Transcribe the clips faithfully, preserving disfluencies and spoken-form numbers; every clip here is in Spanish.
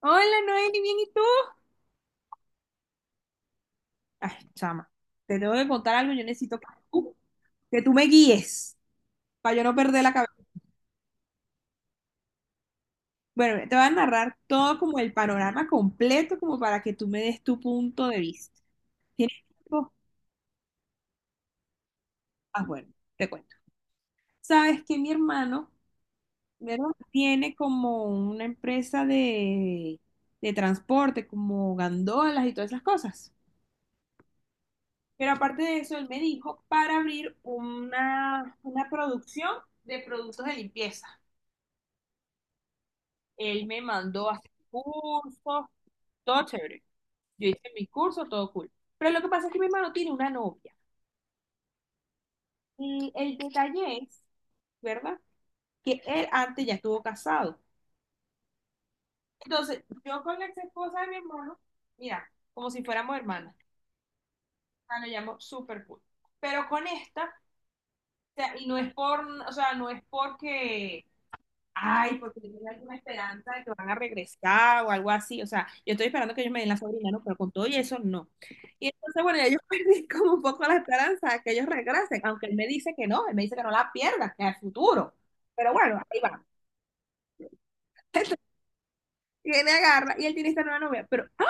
Hola Noeli, bien, ¿y tú? Ay, chama, te tengo que contar algo, yo necesito que tú, que tú me guíes para yo no perder la cabeza. Bueno, te voy a narrar todo como el panorama completo, como para que tú me des tu punto de vista. ¿Tienes tiempo? Ah, bueno, te cuento. Sabes que mi hermano, mi hermano tiene como una empresa de, de transporte, como gandolas y todas esas cosas. Pero aparte de eso, él me dijo para abrir una, una producción de productos de limpieza. Él me mandó a hacer cursos, todo chévere. Yo hice mis cursos, todo cool. Pero lo que pasa es que mi hermano tiene una novia. Y el detalle es, ¿verdad? Que él antes ya estuvo casado. Entonces, yo con la ex esposa de mi hermano, mira, como si fuéramos hermanas. Ah, lo llamo super cool. Pero con esta, o sea, y no es por, o sea, no es porque ay, porque tienen alguna esperanza de que van a regresar o algo así. O sea, yo estoy esperando que ellos me den la sobrina, ¿no? Pero con todo y eso, no. Y entonces, bueno, ya yo perdí como un poco la esperanza de que ellos regresen, aunque él me dice que no, él me dice que no la pierda, que es el futuro. Pero bueno, ahí va. Tiene agarra y él tiene esta nueva novia, pero ¡ah!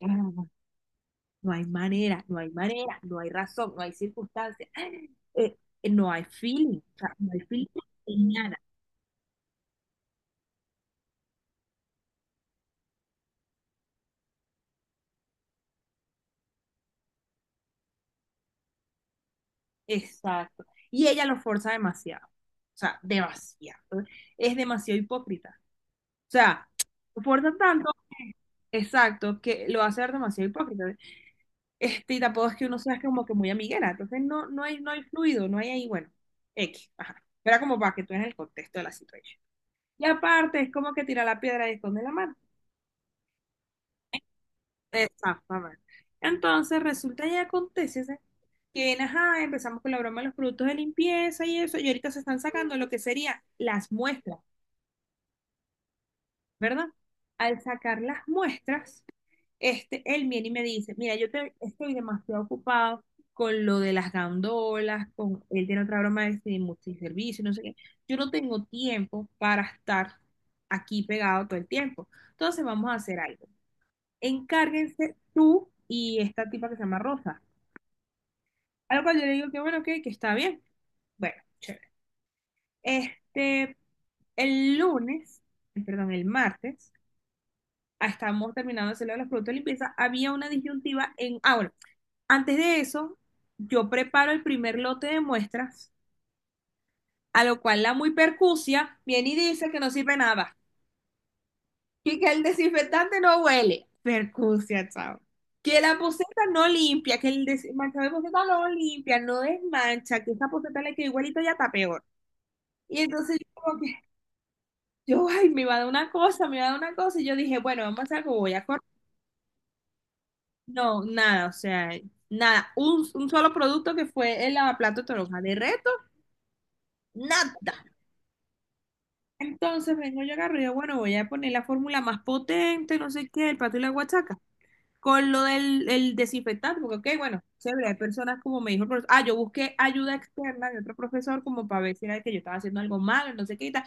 no no hay manera, no hay manera, no hay razón, no hay circunstancia, eh, no hay feeling, o sea, no hay feeling, nada. Exacto. Y ella lo forza demasiado. O sea, demasiado. Es demasiado hipócrita. O sea, lo forza tanto, exacto, que lo hace ver demasiado hipócrita. Este, y tampoco es que uno sea como que muy amiguera. Entonces no, no hay, no hay fluido, no hay ahí, bueno, X. Ajá. Era como para que tú en el contexto de la situación. Y aparte, es como que tira la piedra y esconde la mano. Exactamente. Entonces resulta y acontece, ¿sí? Que bien, ajá, empezamos con la broma de los productos de limpieza y eso, y ahorita se están sacando lo que serían las muestras, ¿verdad? Al sacar las muestras, este, él viene y me dice, mira, yo te- estoy demasiado ocupado con lo de las gandolas, con, él tiene otra broma de este multiservicio, no sé qué, yo no tengo tiempo para estar aquí pegado todo el tiempo, entonces vamos a hacer algo. Encárguense tú y esta tipa que se llama Rosa. A lo cual yo le digo que bueno, que, que está bien. Bueno, chévere. Este, el lunes, eh, perdón, el martes, ah, estábamos terminando de hacerlo de los productos de limpieza, había una disyuntiva en... Ah, bueno, antes de eso, yo preparo el primer lote de muestras, a lo cual la muy percucia viene y dice que no sirve nada, y que el desinfectante no huele. Percucia, chao. Que la poseta no limpia, que el des- manchado de poseta no limpia, no desmancha, que esa poseta le queda igualito y hasta peor. Y entonces yo como que, yo, ay, me iba a dar una cosa, me iba a dar una cosa. Y yo dije, bueno, vamos a hacer algo, voy a cortar. No, nada, o sea, nada. Un, un solo producto que fue el lavaplato de toronja. De reto, nada. Entonces vengo yo agarro y digo, bueno, voy a poner la fórmula más potente, no sé qué, el pato y la guachaca, con lo del el desinfectante, porque, ok, bueno, chévere, hay personas como me dijo el profesor, ah, yo busqué ayuda externa de otro profesor como para ver si era que yo estaba haciendo algo mal, no sé qué y tal.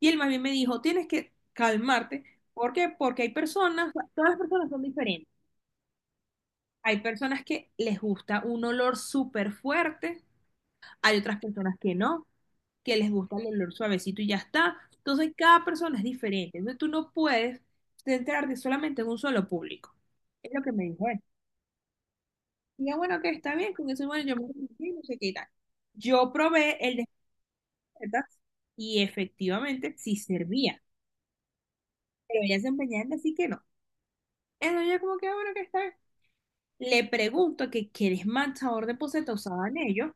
Y él más bien me dijo, tienes que calmarte, ¿por qué? Porque hay personas, todas las personas son diferentes. Hay personas que les gusta un olor súper fuerte, hay otras personas que no, que les gusta el olor suavecito y ya está. Entonces, cada persona es diferente. Entonces, tú no puedes centrarte solamente en un solo público. Es lo que me dijo él. Y yo, bueno, que está bien, con eso, bueno, yo me arrepentí, no sé qué y tal. Yo probé el de recetas y efectivamente sí servía, pero ella se empeñaba en decir que no. Entonces yo como que, ah, bueno, que está bien. Le pregunto que qué desmanchador de poceta usaban ellos,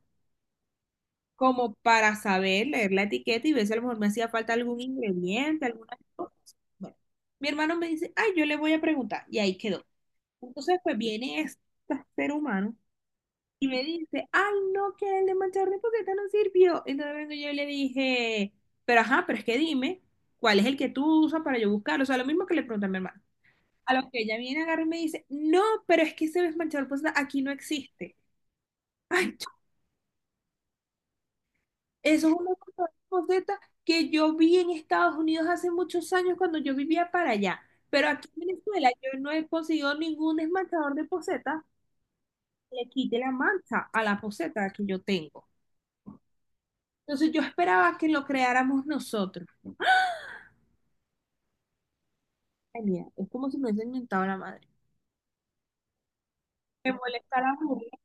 como para saber leer la etiqueta y ver si a lo mejor me hacía falta algún ingrediente, alguna cosa. Bueno, mi hermano me dice, ay, yo le voy a preguntar, y ahí quedó. Entonces, pues viene este ser humano y me dice, ay, no, que el de Manchester Poqueta no sirvió. Entonces yo le dije, pero ajá, pero es que dime, ¿cuál es el que tú usas para yo buscar? O sea, lo mismo que le pregunté a mi hermana. A lo que ella viene, agarra y me dice, no, pero es que ese desmanchador poseta aquí no existe. Ay, ch- Eso es una cosa poseta que yo vi en Estados Unidos hace muchos años cuando yo vivía para allá. Pero aquí en Venezuela yo no he conseguido ningún desmanchador de poseta que le quite la mancha a la poseta que yo tengo. Entonces yo esperaba que lo creáramos nosotros. Ay, mira, es como si me hubiesen inventado la madre. Me molesta la burla,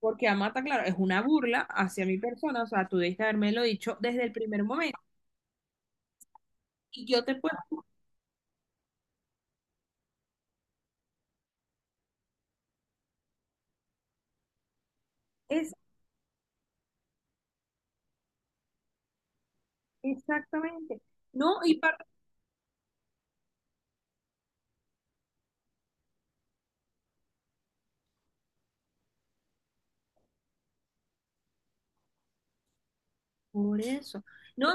porque Amata, claro, es una burla hacia mi persona, o sea, tú debiste lo dicho desde el primer momento. Y yo te puedo... Es exactamente. No, y para... Por eso. No,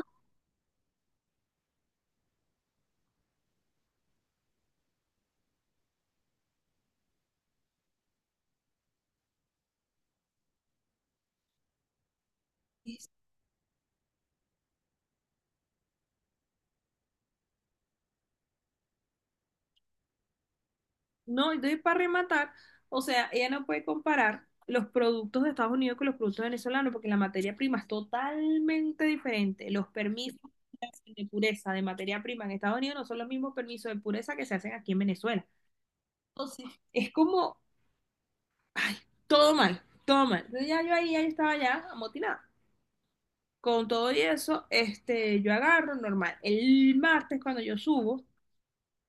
no, entonces para rematar, o sea, ella no puede comparar los productos de Estados Unidos con los productos venezolanos porque la materia prima es totalmente diferente. Los permisos que hacen de pureza de materia prima en Estados Unidos no son los mismos permisos de pureza que se hacen aquí en Venezuela. Entonces, es como, ay, todo mal, todo mal. Entonces ya yo ahí, ya yo estaba ya amotinada. Con todo y eso, este, yo agarro normal. El martes cuando yo subo,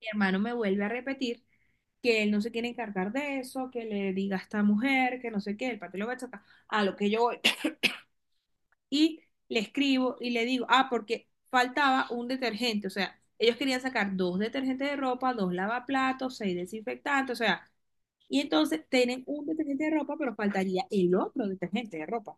mi hermano me vuelve a repetir que él no se quiere encargar de eso, que le diga a esta mujer, que no sé qué, el patrón lo va a sacar, a lo que yo voy. Y le escribo y le digo, ah, porque faltaba un detergente, o sea, ellos querían sacar dos detergentes de ropa, dos lavaplatos, seis desinfectantes, o sea, y entonces tienen un detergente de ropa, pero faltaría el otro detergente de ropa.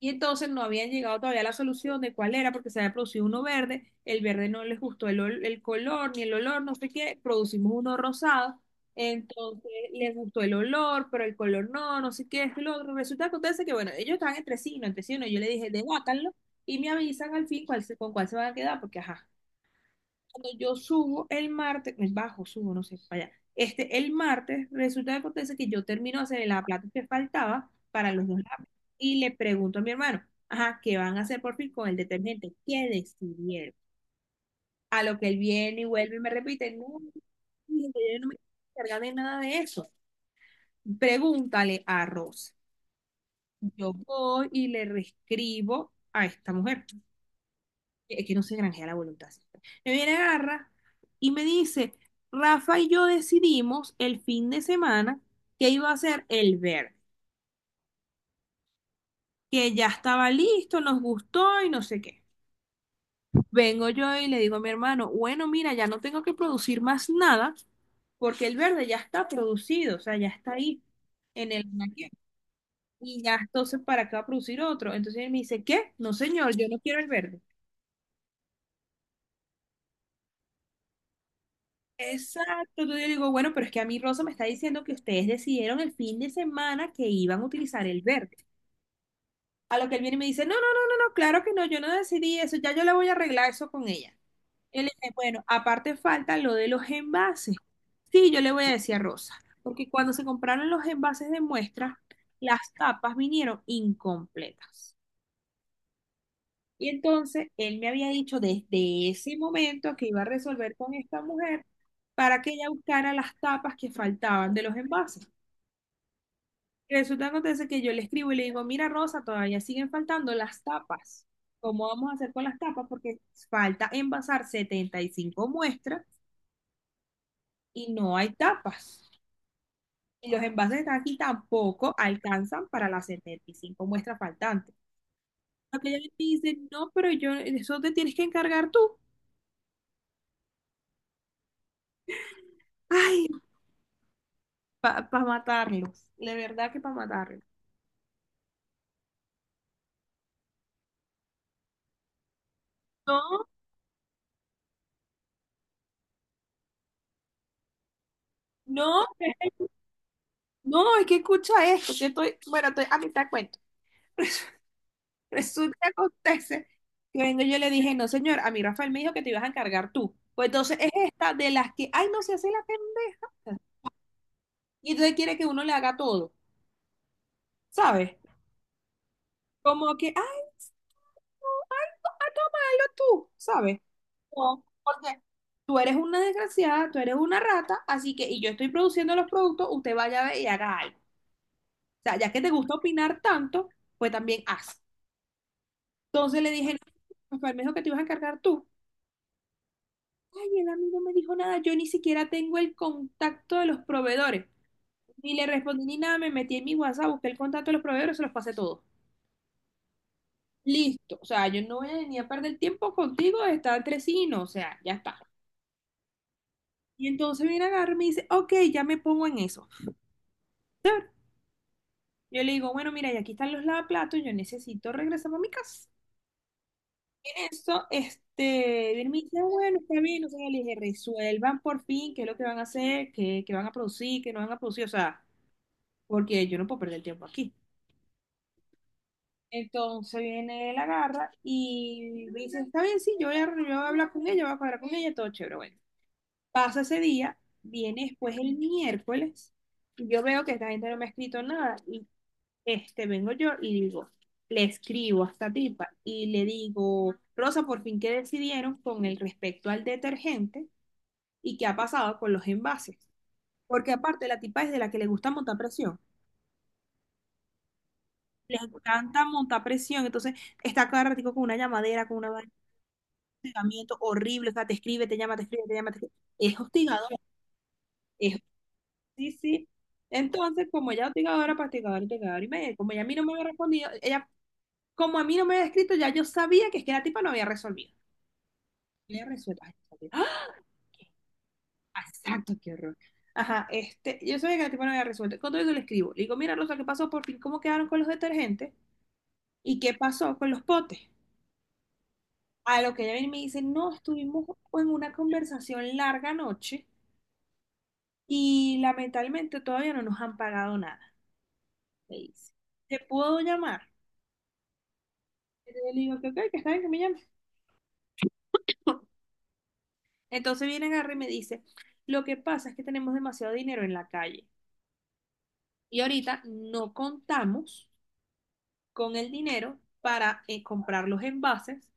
Y entonces no habían llegado todavía a la solución de cuál era, porque se había producido uno verde, el verde no les gustó el, ol- el color ni el olor, no sé qué, producimos uno rosado, entonces les gustó el olor, pero el color no, no sé qué, es lo otro. Resulta que acontece que, bueno, ellos estaban entre sí, no entre sí, no. Yo le dije, debátanlo y me avisan al fin cuál se- con cuál se van a quedar, porque ajá. Cuando yo subo el martes, me bajo, subo, no sé, para allá. Este, el martes, resulta que acontece que yo termino de hacer la plata que faltaba para los dos lápices. Y le pregunto a mi hermano, ajá, ¿qué van a hacer por fin con el detergente? ¿Qué decidieron? A lo que él viene y vuelve y me repite, no, yo no me encargo de nada de eso. Pregúntale a Rosa. Yo voy y le reescribo a esta mujer, que que no se granjea la voluntad. Sí. Me viene Garra y me dice, Rafa y yo decidimos el fin de semana que iba a ser el verde, que ya estaba listo, nos gustó y no sé qué. Vengo yo y le digo a mi hermano, bueno, mira, ya no tengo que producir más nada porque el verde ya está producido, o sea, ya está ahí en el, y ya entonces para qué va a producir otro. Entonces él me dice, ¿qué? No, señor, yo no quiero el verde. Exacto, entonces yo digo, bueno, pero es que a mí Rosa me está diciendo que ustedes decidieron el fin de semana que iban a utilizar el verde. A lo que él viene y me dice, no, no, no, no, no, claro que no, yo no decidí eso, ya yo le voy a arreglar eso con ella. Él le dice, bueno, aparte falta lo de los envases. Sí, yo le voy a decir a Rosa, porque cuando se compraron los envases de muestra, las tapas vinieron incompletas. Y entonces él me había dicho desde ese momento que iba a resolver con esta mujer para que ella buscara las tapas que faltaban de los envases. Y resulta que acontece que yo le escribo y le digo, mira Rosa, todavía siguen faltando las tapas. ¿Cómo vamos a hacer con las tapas? Porque falta envasar setenta y cinco muestras y no hay tapas. Y los envases que están aquí tampoco alcanzan para las setenta y cinco muestras faltantes. Aquella vez me dice, no, pero yo, eso te tienes que encargar tú. Ay, para matarlos, de verdad que para matarlos. No, no, no, es que escucha esto, que estoy, bueno, estoy a mitad de cuento. Resulta que acontece que vengo y yo le dije, no, señor, a mí Rafael me dijo que te ibas a encargar tú. Pues entonces es esta de las que, ay, no se hace la pendeja. Y entonces quiere que uno le haga todo, ¿sabes? Como que, ay, tú, ay, to- ay, tómalo tú, ¿sabes? No, porque tú eres una desgraciada, tú eres una rata, así que, y yo estoy produciendo los productos, usted vaya a ver y haga algo. O sea, ya que te gusta opinar tanto, pues también haz. Entonces le dije, no, Rafael me dijo que te ibas a encargar tú. Ay, el amigo me dijo nada, yo ni siquiera tengo el contacto de los proveedores. Ni le respondí ni nada, me metí en mi WhatsApp, busqué el contacto de los proveedores, se los pasé todo. Listo, o sea, yo no voy a ni a perder tiempo contigo, está entre sí y no, o sea, ya está. Y entonces viene a agarrarme y me dice, ok, ya me pongo en eso. Yo le digo, bueno, mira, y aquí están los lavaplatos, yo necesito regresar a mi casa. Eso, este, y él me dice, "Ah, bueno, está bien, o sea, le dije, resuelvan por fin qué es lo que van a hacer, qué, qué van a producir, qué no van a producir, o sea, porque yo no puedo perder tiempo aquí". Entonces viene la garra y me dice, está bien, sí, yo voy a, yo voy a hablar con ella, voy a cuadrar con ella, todo chévere, bueno. Pasa ese día, viene después el miércoles, y yo veo que esta gente no me ha escrito nada. Este, vengo yo y digo, le escribo a esta tipa y le digo, Rosa, por fin, ¿qué decidieron con el respecto al detergente y qué ha pasado con los envases? Porque aparte la tipa es de la que le gusta montar presión. Les encanta montar presión, entonces está cada ratico con una llamadera, con una vaina de hostigamiento horrible, o sea, te escribe, te llama, te escribe, te llama, te escribe. Es hostigador es, sí, sí. Entonces, como ella es hostigadora, hostigadora, hostigadora y media, como ella a mí no me había respondido, ella, como a mí no me había escrito, ya yo sabía que es que la tipa no había resolvido. Le resuelto. Ay, resuelto. ¡Ah! ¡Qué Exacto, qué horror. Ajá, este, yo sabía que el tipo no había resuelto. Con todo eso le escribo. Le digo, mira, Rosa, ¿qué pasó por fin? ¿Cómo quedaron con los detergentes? ¿Y qué pasó con los potes? A lo que ella viene y me dice, no, estuvimos en una conversación larga noche y lamentablemente todavía no nos han pagado nada. Me dice, ¿te puedo llamar? Y yo le digo, que ok, que está bien que me llame. Entonces viene Gary y me dice, lo que pasa es que tenemos demasiado dinero en la calle y ahorita no contamos con el dinero para eh, comprar los envases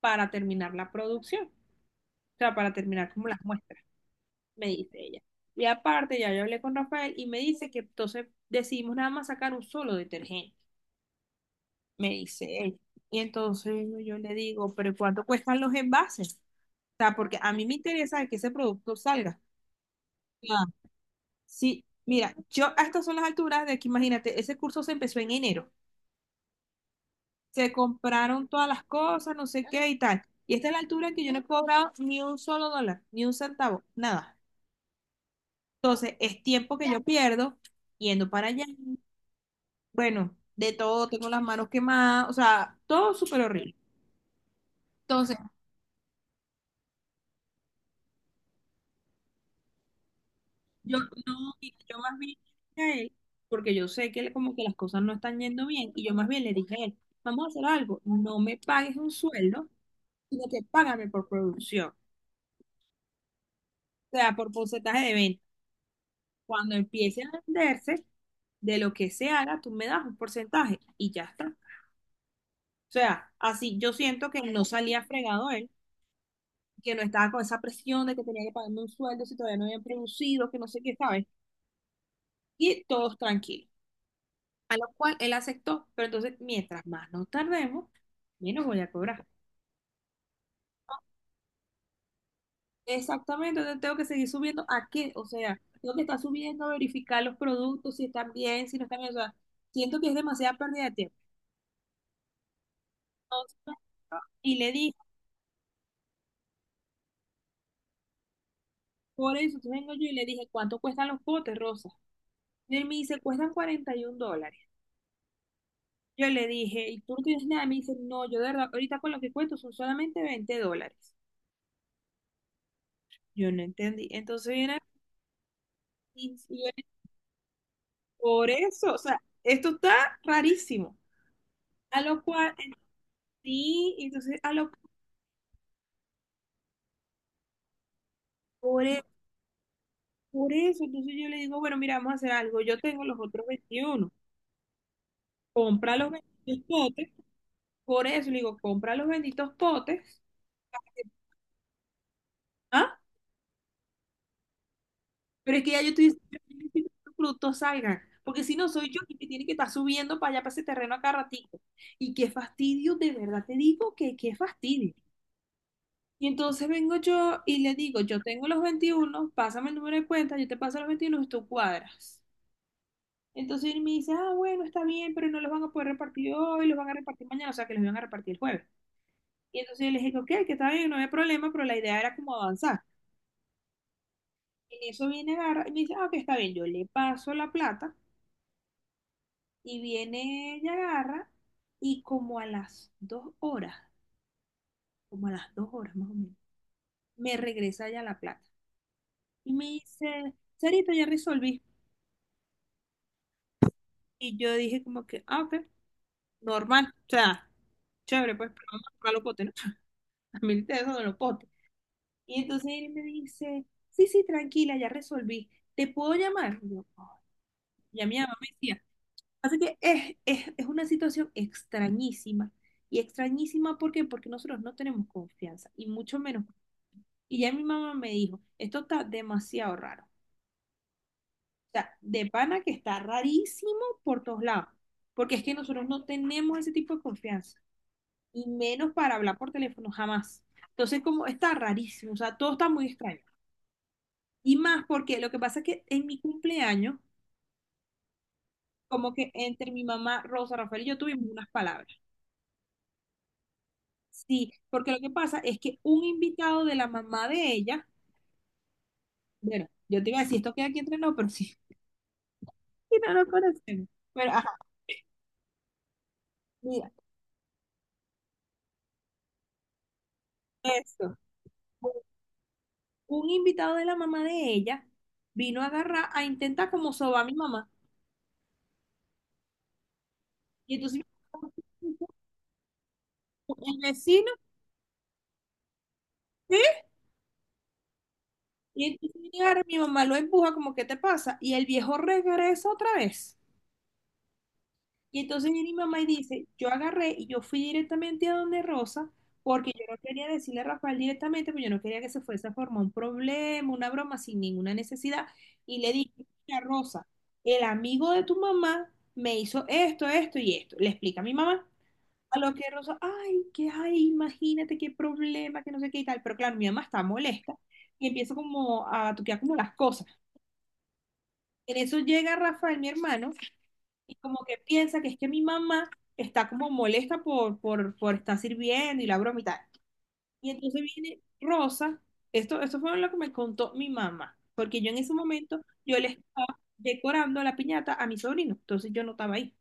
para terminar la producción, o sea, para terminar como las muestras, me dice ella. Y aparte, ya yo hablé con Rafael y me dice que entonces decidimos nada más sacar un solo detergente, me dice ella. Y entonces yo le digo, pero ¿cuánto cuestan los envases? O sea, porque a mí me interesa que ese producto salga. Ah, sí, mira, yo a estas son las alturas de que imagínate, ese curso se empezó en enero. Se compraron todas las cosas, no sé qué y tal. Y esta es la altura en que yo no he cobrado ni un solo dólar, ni un centavo, nada. Entonces, es tiempo que yo pierdo yendo para allá. Bueno, de todo, tengo las manos quemadas, o sea, todo súper horrible. Entonces, yo no, mira, yo más bien le dije a él, porque yo sé que le- como que las cosas no están yendo bien, y yo más bien le dije a él, vamos a hacer algo, no me pagues un sueldo, sino que págame por producción, o sea, por porcentaje de venta. Cuando empiece a venderse, de lo que se haga, tú me das un porcentaje y ya está. O sea, así yo siento que no salía fregado él, que no estaba con esa presión de que tenía que pagarme un sueldo si todavía no habían producido, que no sé qué, ¿sabes? Y todos tranquilos. A lo cual él aceptó, pero entonces, mientras más nos tardemos, menos voy a cobrar. Exactamente, entonces tengo que seguir subiendo a qué, o sea, tengo que estar subiendo a verificar los productos, si están bien, si no están bien, o sea, siento que es demasiada pérdida de tiempo. Entonces, y le dije, por eso, entonces vengo yo y le dije, ¿cuánto cuestan los potes, Rosa? Y él me dice, cuestan cuarenta y un dólares. Yo le dije, ¿y tú no tienes nada? Me dice, no, yo de verdad, ahorita con lo que cuento son solamente veinte dólares. Yo no entendí. Entonces viene y y yo, por eso, o sea, esto está rarísimo. A lo cual, sí, entonces, a lo por, e- por eso, entonces yo le digo, bueno, mira, vamos a hacer algo. Yo tengo los otros veintiuno, compra los benditos potes. Por eso le digo, compra los benditos potes. ¿Ah? Pero es que ya yo estoy diciendo yo necesito que los productos salgan. Porque si no, soy yo el que tiene que estar subiendo para allá, para ese terreno a cada ratito. Y qué fastidio, de verdad te digo que qué fastidio. Y entonces vengo yo y le digo, yo tengo los veintiuno, pásame el número de cuenta, yo te paso los veintiuno y tú cuadras. Entonces él me dice, ah, bueno, está bien, pero no los van a poder repartir hoy, los van a repartir mañana, o sea que los van a repartir el jueves. Y entonces yo le dije, ok, que está bien, no hay problema, pero la idea era como avanzar. En eso viene agarra y me dice, ah, ok, está bien, yo le paso la plata. Y viene ella, agarra, y como a las dos horas, como a las dos horas más o menos, me regresa ya la plata. Y me dice, Sarita, ya resolví. Y yo dije como que, ah, ok, normal, o sea, chévere, pues, pero vamos a tocar los potes, ¿no? A mí te dejo de los potes. Y entonces él me dice, sí, sí, tranquila, ya resolví, ¿te puedo llamar? Y yo, "Ay". Y a mi mamá me decía, así que es, es, es una situación extrañísima. Y extrañísima, ¿por qué? Porque nosotros no tenemos confianza, y mucho menos. Y ya mi mamá me dijo, esto está demasiado raro. O sea, de pana que está rarísimo por todos lados. Porque es que nosotros no tenemos ese tipo de confianza. Y menos para hablar por teléfono, jamás. Entonces, como está rarísimo. O sea, todo está muy extraño. Y más porque lo que pasa es que en mi cumpleaños, como que entre mi mamá, Rosa, Rafael y yo tuvimos unas palabras. Sí, porque lo que pasa es que un invitado de la mamá de ella, bueno, yo te iba a decir, esto queda aquí entre nosotros, pero sí, y no lo conocemos. Pero, ajá, mira, eso. Un invitado de la mamá de ella vino a agarrar, a intentar como sobar a mi mamá. Y entonces el vecino, ¿sí? Y entonces viene y agarra, mi mamá lo empuja como, ¿qué te pasa? Y el viejo regresa otra vez. Y entonces viene mi mamá y dice, yo agarré y yo fui directamente a donde Rosa, porque yo no quería decirle a Rafael directamente, porque yo no quería que se fuese a formar un problema, una broma sin ninguna necesidad. Y le dije, mira, Rosa, el amigo de tu mamá me hizo esto, esto y esto. Le explica a mi mamá. A lo que Rosa, ay, qué ay, imagínate qué problema, que no sé qué y tal. Pero claro, mi mamá está molesta y empieza como a batuquear como las cosas. En eso llega Rafael, mi hermano, y como que piensa que es que mi mamá está como molesta por, por, por, estar sirviendo y la broma y tal. Y entonces viene Rosa, esto, esto fue lo que me contó mi mamá, porque yo en ese momento, yo le estaba decorando la piñata a mi sobrino, entonces yo no estaba ahí.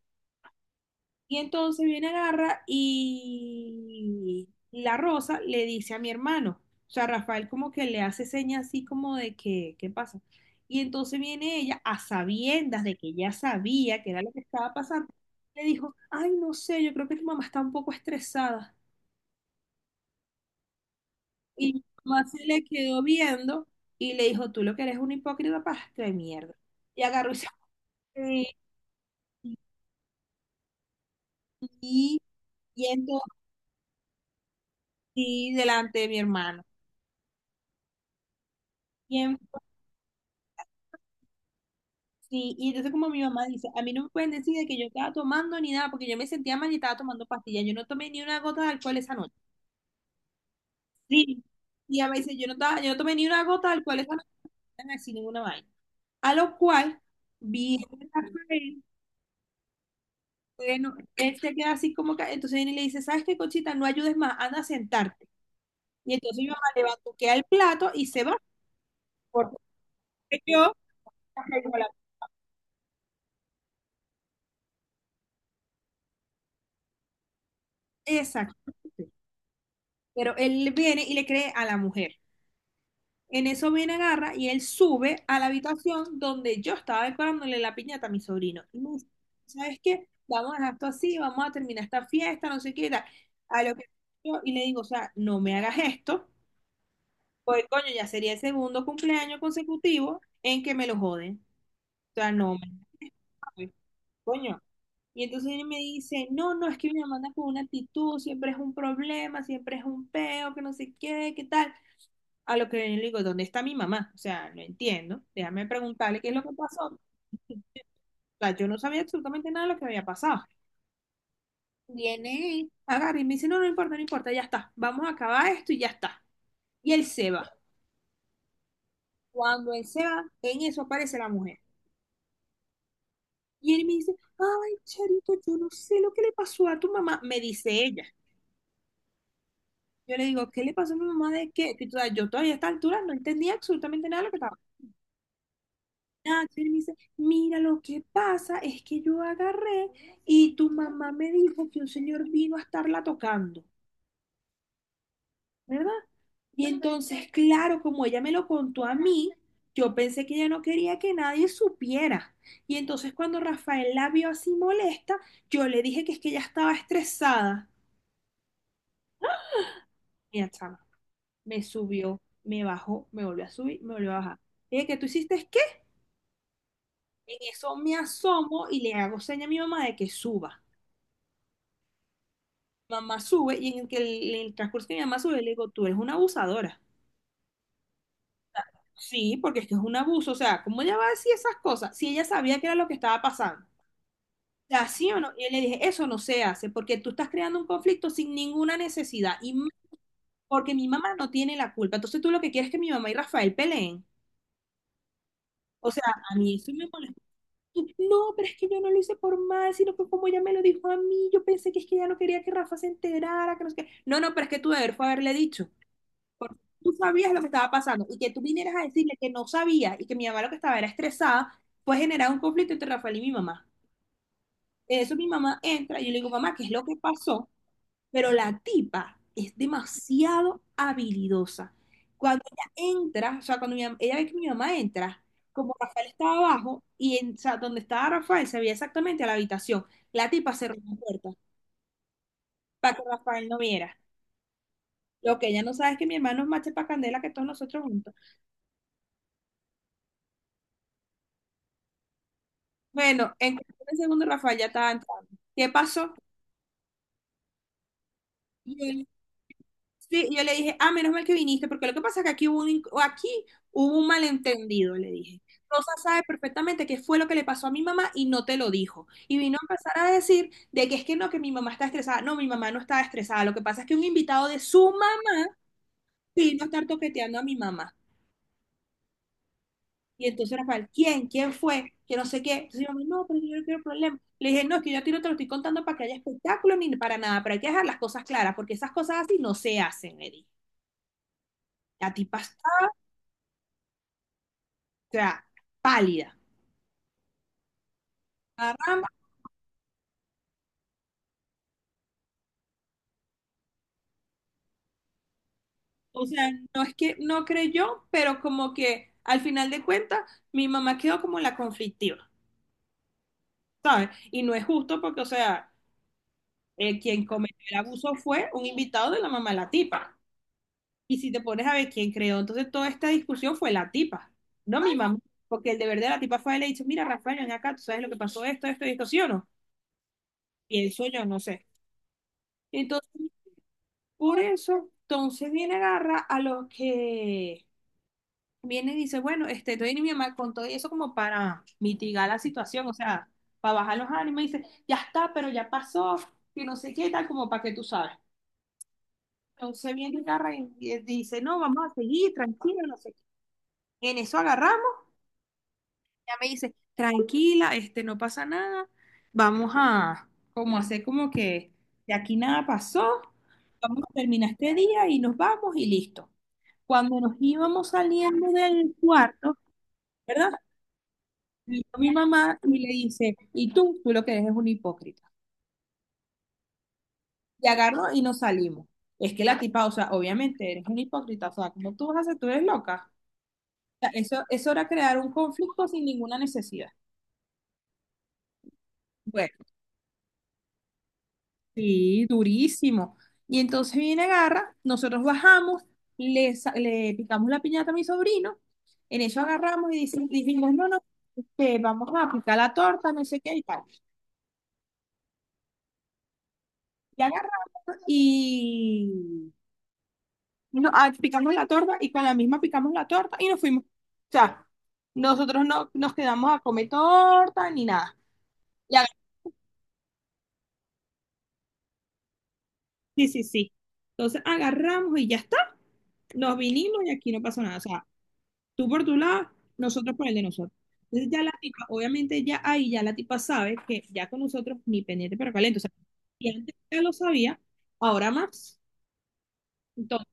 Y entonces viene, agarra y la rosa le dice a mi hermano, o sea, Rafael como que le hace señas así como de que, ¿qué pasa? Y entonces viene ella a sabiendas de que ya sabía que era lo que estaba pasando, le dijo, ay, no sé, yo creo que tu mamá está un poco estresada. Y mi mamá se le quedó viendo y le dijo, tú lo que eres un hipócrita pastre de mierda. Y agarró y se fue, y, y, y entonces, y delante de mi hermano. Y en Sí, y entonces como mi mamá dice, a mí no me pueden decir de que yo estaba tomando ni nada, porque yo me sentía mal y estaba tomando pastillas. Yo no tomé ni una gota de alcohol esa noche. Sí. Y ella me dice, yo no estaba, yo no tomé ni una gota de alcohol esa noche, así ninguna vaina. A lo cual, viene Rafael, bueno, él se queda así como que, entonces viene y le dice, ¿sabes qué, Conchita? No ayudes más, anda a sentarte. Y entonces mi mamá le batuquea el plato y se va, porque yo... la- Exacto. Pero él viene y le cree a la mujer. En eso viene, agarra y él sube a la habitación donde yo estaba decorándole la piñata a mi sobrino. Y me dice, ¿sabes qué? Vamos a dejar esto así, vamos a terminar esta fiesta, no sé qué y tal. A lo que yo y le digo, o sea, no me hagas esto, porque coño, ya sería el segundo cumpleaños consecutivo en que me lo joden. O sea, no me joden, coño. Y entonces él me dice, no, no, es que mi mamá anda con una actitud, siempre es un problema, siempre es un peo, que no sé qué, qué tal. A lo que yo le digo, ¿dónde está mi mamá? O sea, no entiendo. Déjame preguntarle qué es lo que pasó. O sea, yo no sabía absolutamente nada de lo que había pasado. Viene, agarra y me dice, no, no importa, no importa, ya está. Vamos a acabar esto y ya está. Y él se va. Cuando él se va, en eso aparece la mujer. Y él me dice, ay, Charito, yo no sé lo que le pasó a tu mamá. Me dice ella. Yo le digo, ¿qué le pasó a mi mamá de qué? Que, o sea, yo todavía a esta altura no entendía absolutamente nada de lo que estaba. Nacho, y me dice, mira, lo que pasa es que yo agarré y tu mamá me dijo que un señor vino a estarla tocando, ¿verdad? Y entonces, claro, como ella me lo contó a mí, yo pensé que ella no quería que nadie supiera. Y entonces cuando Rafael la vio así molesta, yo le dije que es que ella estaba estresada. Mira, chama, me subió, me bajó, me volvió a subir, me volvió a bajar. Le dije, ¿qué tú hiciste? ¿Qué? En eso me asomo y le hago seña a mi mamá de que suba. Mamá sube y en el, que el, en el transcurso que mi mamá sube, le digo, tú eres una abusadora. Sí, porque es que es un abuso. O sea, ¿cómo ella va a decir esas cosas si ella sabía que era lo que estaba pasando? O sea, ¿sí o no? Y yo le dije, eso no se hace porque tú estás creando un conflicto sin ninguna necesidad y m- porque mi mamá no tiene la culpa. Entonces tú lo que quieres es que mi mamá y Rafael peleen. O sea, a mí eso me molesta. No, pero es que yo no lo hice por mal, sino que como ella me lo dijo a mí, yo pensé que es que ella no quería que Rafa se enterara, que no sé qué. No, no, pero es que tú deber fue haberle dicho. Porque tú sabías lo que estaba pasando y que tú vinieras a decirle que no sabía y que mi mamá lo que estaba era estresada, pues generar un conflicto entre Rafael y mi mamá. En eso mi mamá entra y yo le digo, mamá, ¿qué es lo que pasó? Pero la tipa es demasiado habilidosa. Cuando ella entra, o sea, cuando mi mam- ella ve que mi mamá entra, como Rafael estaba abajo y en, o sea, donde estaba Rafael se veía exactamente a la habitación. La tipa cerró la puerta para que Rafael no viera. Lo que ella no sabe es que mi hermano es mache para candela que todos nosotros juntos. Bueno, en cuestión de segundos Rafael ya estaba entrando. ¿Qué pasó? Y él- sí, yo le dije, ah, menos mal que viniste, porque lo que pasa es que aquí hubo un, in- o aquí hubo un malentendido, le dije. Rosa sabe perfectamente qué fue lo que le pasó a mi mamá y no te lo dijo. Y vino a empezar a decir de que es que no, que mi mamá está estresada. No, mi mamá no estaba estresada. Lo que pasa es que un invitado de suma vino a estar toqueteando a mi mamá. Y entonces Rafael, ¿quién? ¿Quién fue? Que no sé qué. Entonces yo, no, pero yo no quiero problema. Le dije, no, es que yo a ti no te lo estoy contando para que haya espectáculo ni para nada, pero hay que dejar las cosas claras, porque esas cosas así no se hacen, Eddie. La tipa está, o sea, pálida. Agarramos, o sea, no es que no creyó, pero como que al final de cuentas, mi mamá quedó como la conflictiva, ¿sabes? Y no es justo porque, o sea, eh, quien cometió el abuso fue un invitado de la mamá de la tipa. Y si te pones a ver quién creó, entonces toda esta discusión fue la tipa, no mi mamá, porque el deber de la tipa fue, le dicho, mira, Rafael, ven acá, tú sabes lo que pasó, esto, esto y esto, ¿sí o no? Pienso yo, no sé. Entonces, por eso, entonces viene agarra a los que viene y dice, bueno, este, estoy en mi mamá con todo eso como para mitigar la situación, o sea, para bajar los ánimos, y dice, ya está, pero ya pasó, que no sé qué tal, como para que tú sabes. Entonces viene y agarra y y dice, no, vamos a seguir, tranquilo, no sé qué. En eso agarra. Ella me dice, tranquila, este, no pasa nada, vamos a como hacer como que de aquí nada pasó, vamos a terminar este día y nos vamos y listo. Cuando nos íbamos saliendo del cuarto, ¿verdad? Vino mi mamá y le dice, y tú, tú lo que eres es un hipócrita. Y agarró y nos salimos. Es que la tipa, o sea, obviamente eres un hipócrita, o sea, ¿cómo tú vas a hacer? Tú eres loca. O sea, eso, eso era crear un conflicto sin ninguna necesidad. Bueno. Sí, durísimo. Y entonces viene, agarra, nosotros bajamos, le, sa- le picamos la piñata a mi sobrino, en eso agarramos y dice- dijimos, no, no, este, vamos a picar la torta, no sé qué y tal. Y agarramos y no, ah, picamos la torta y con la misma picamos la torta y nos fuimos. O sea, nosotros no nos quedamos a comer torta ni nada. Y aga- sí, sí, sí. Entonces agarramos y ya está, nos vinimos y aquí no pasó nada. O sea, tú por tu lado, nosotros por el de nosotros. Entonces ya la tipa, obviamente ya ahí ya la tipa sabe que ya con nosotros ni pendiente pero caliente. O sea, y antes ya lo sabía, ahora más. Entonces,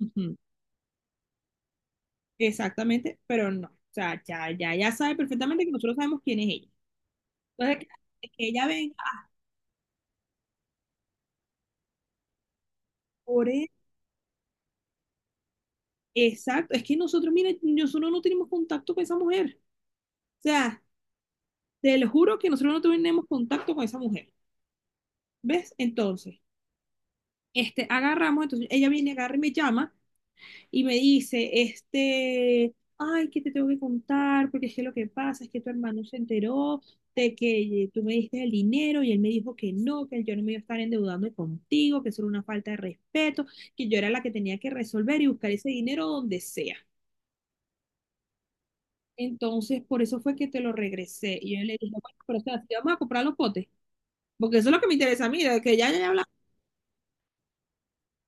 ujú, exactamente, pero no. O sea, ya, ya, ya sabe perfectamente que nosotros sabemos quién es ella. Entonces, que que ella venga por él. Exacto. Es que nosotros, mira, nosotros no tenemos contacto con esa mujer. O sea, te lo juro que nosotros no tenemos contacto con esa mujer. ¿Ves? Entonces, este, agarramos, entonces ella viene, agarra y me llama y me dice, este, ay, que te tengo que contar, porque es que lo que pasa es que tu hermano se enteró de que tú me diste el dinero y él me dijo que no, que yo no me iba a estar endeudando contigo, que eso era una falta de respeto, que yo era la que tenía que resolver y buscar ese dinero donde sea. Entonces, por eso fue que te lo regresé. Y yo le dije, bueno, pero o sea, ¿sí vamos a comprar los potes, porque eso es lo que me interesa a mí, de que ya, ya, ya?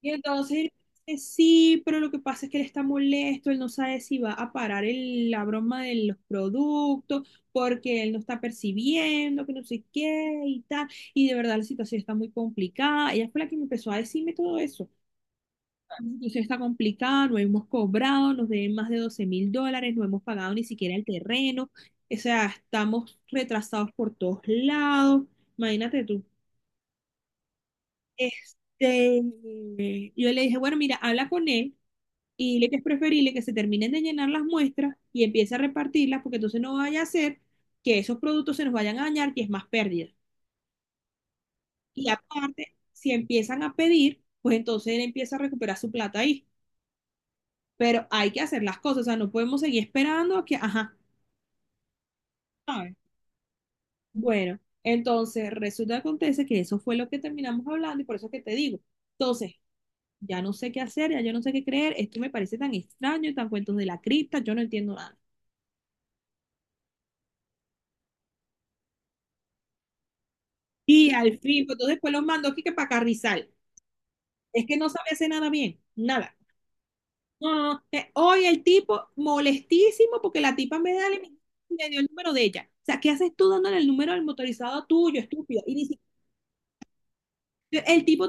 Y entonces él dice, sí, pero lo que pasa es que él está molesto, él no sabe si va a parar el- la broma de los productos, porque él no está percibiendo, que no sé qué y tal. Y de verdad la situación está muy complicada. Ella fue la que me empezó a decirme todo eso. La situación está complicada, no hemos cobrado, nos deben más de doce mil dólares, no hemos pagado ni siquiera el terreno. O sea, estamos retrasados por todos lados. Imagínate tú. Este, yo le dije, bueno, mira, habla con él y le que es preferible que se terminen de llenar las muestras y empiece a repartirlas, porque entonces no vaya a ser que esos productos se nos vayan a dañar y es más pérdida. Y aparte, si empiezan a pedir, pues entonces él empieza a recuperar su plata ahí. Pero hay que hacer las cosas, o sea, no podemos seguir esperando a que, ajá, ¿sabes? Bueno, entonces resulta que acontece que eso fue lo que terminamos hablando y por eso es que te digo. Entonces, ya no sé qué hacer, ya yo no sé qué creer, esto me parece tan extraño, tan cuentos de la cripta, yo no entiendo nada. Y al fin, pues, entonces después los mandó aquí que para Carrizal. Es que no sabe hacer nada bien, nada. No, no, no. Eh, hoy el tipo molestísimo porque la tipa me da el- me dio el número de ella. O sea, ¿qué haces tú dándole el número del motorizado tuyo, estúpida? Y ni siquiera, el tipo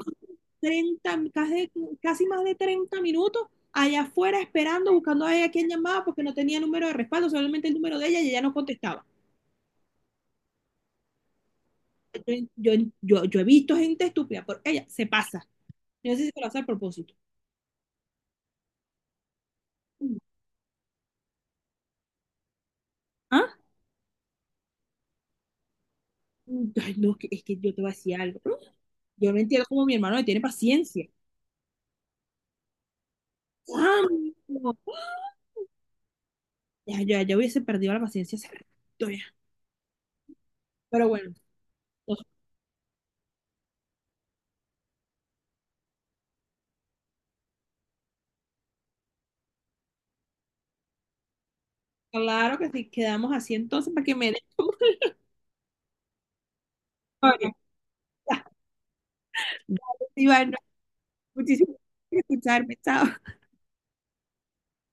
treinta casi, casi más de treinta minutos allá afuera esperando, buscando a ella quien llamaba porque no tenía número de respaldo, solamente el número de ella y ella no contestaba. Yo, yo, yo, yo he visto gente estúpida, pero ella se pasa. Yo no sé si lo hace al propósito. ¿Ah? Mm, Ay, no, que- es que yo te voy a decir algo. Yo no entiendo cómo mi hermano le tiene paciencia. ¿Cuándo? Ya, ya, ya hubiese perdido la paciencia hace rato ya. Pero bueno, entonces, claro que sí, quedamos así entonces para que me des tu historia. Dale, Iván, muchísimas gracias por escucharme. Chao.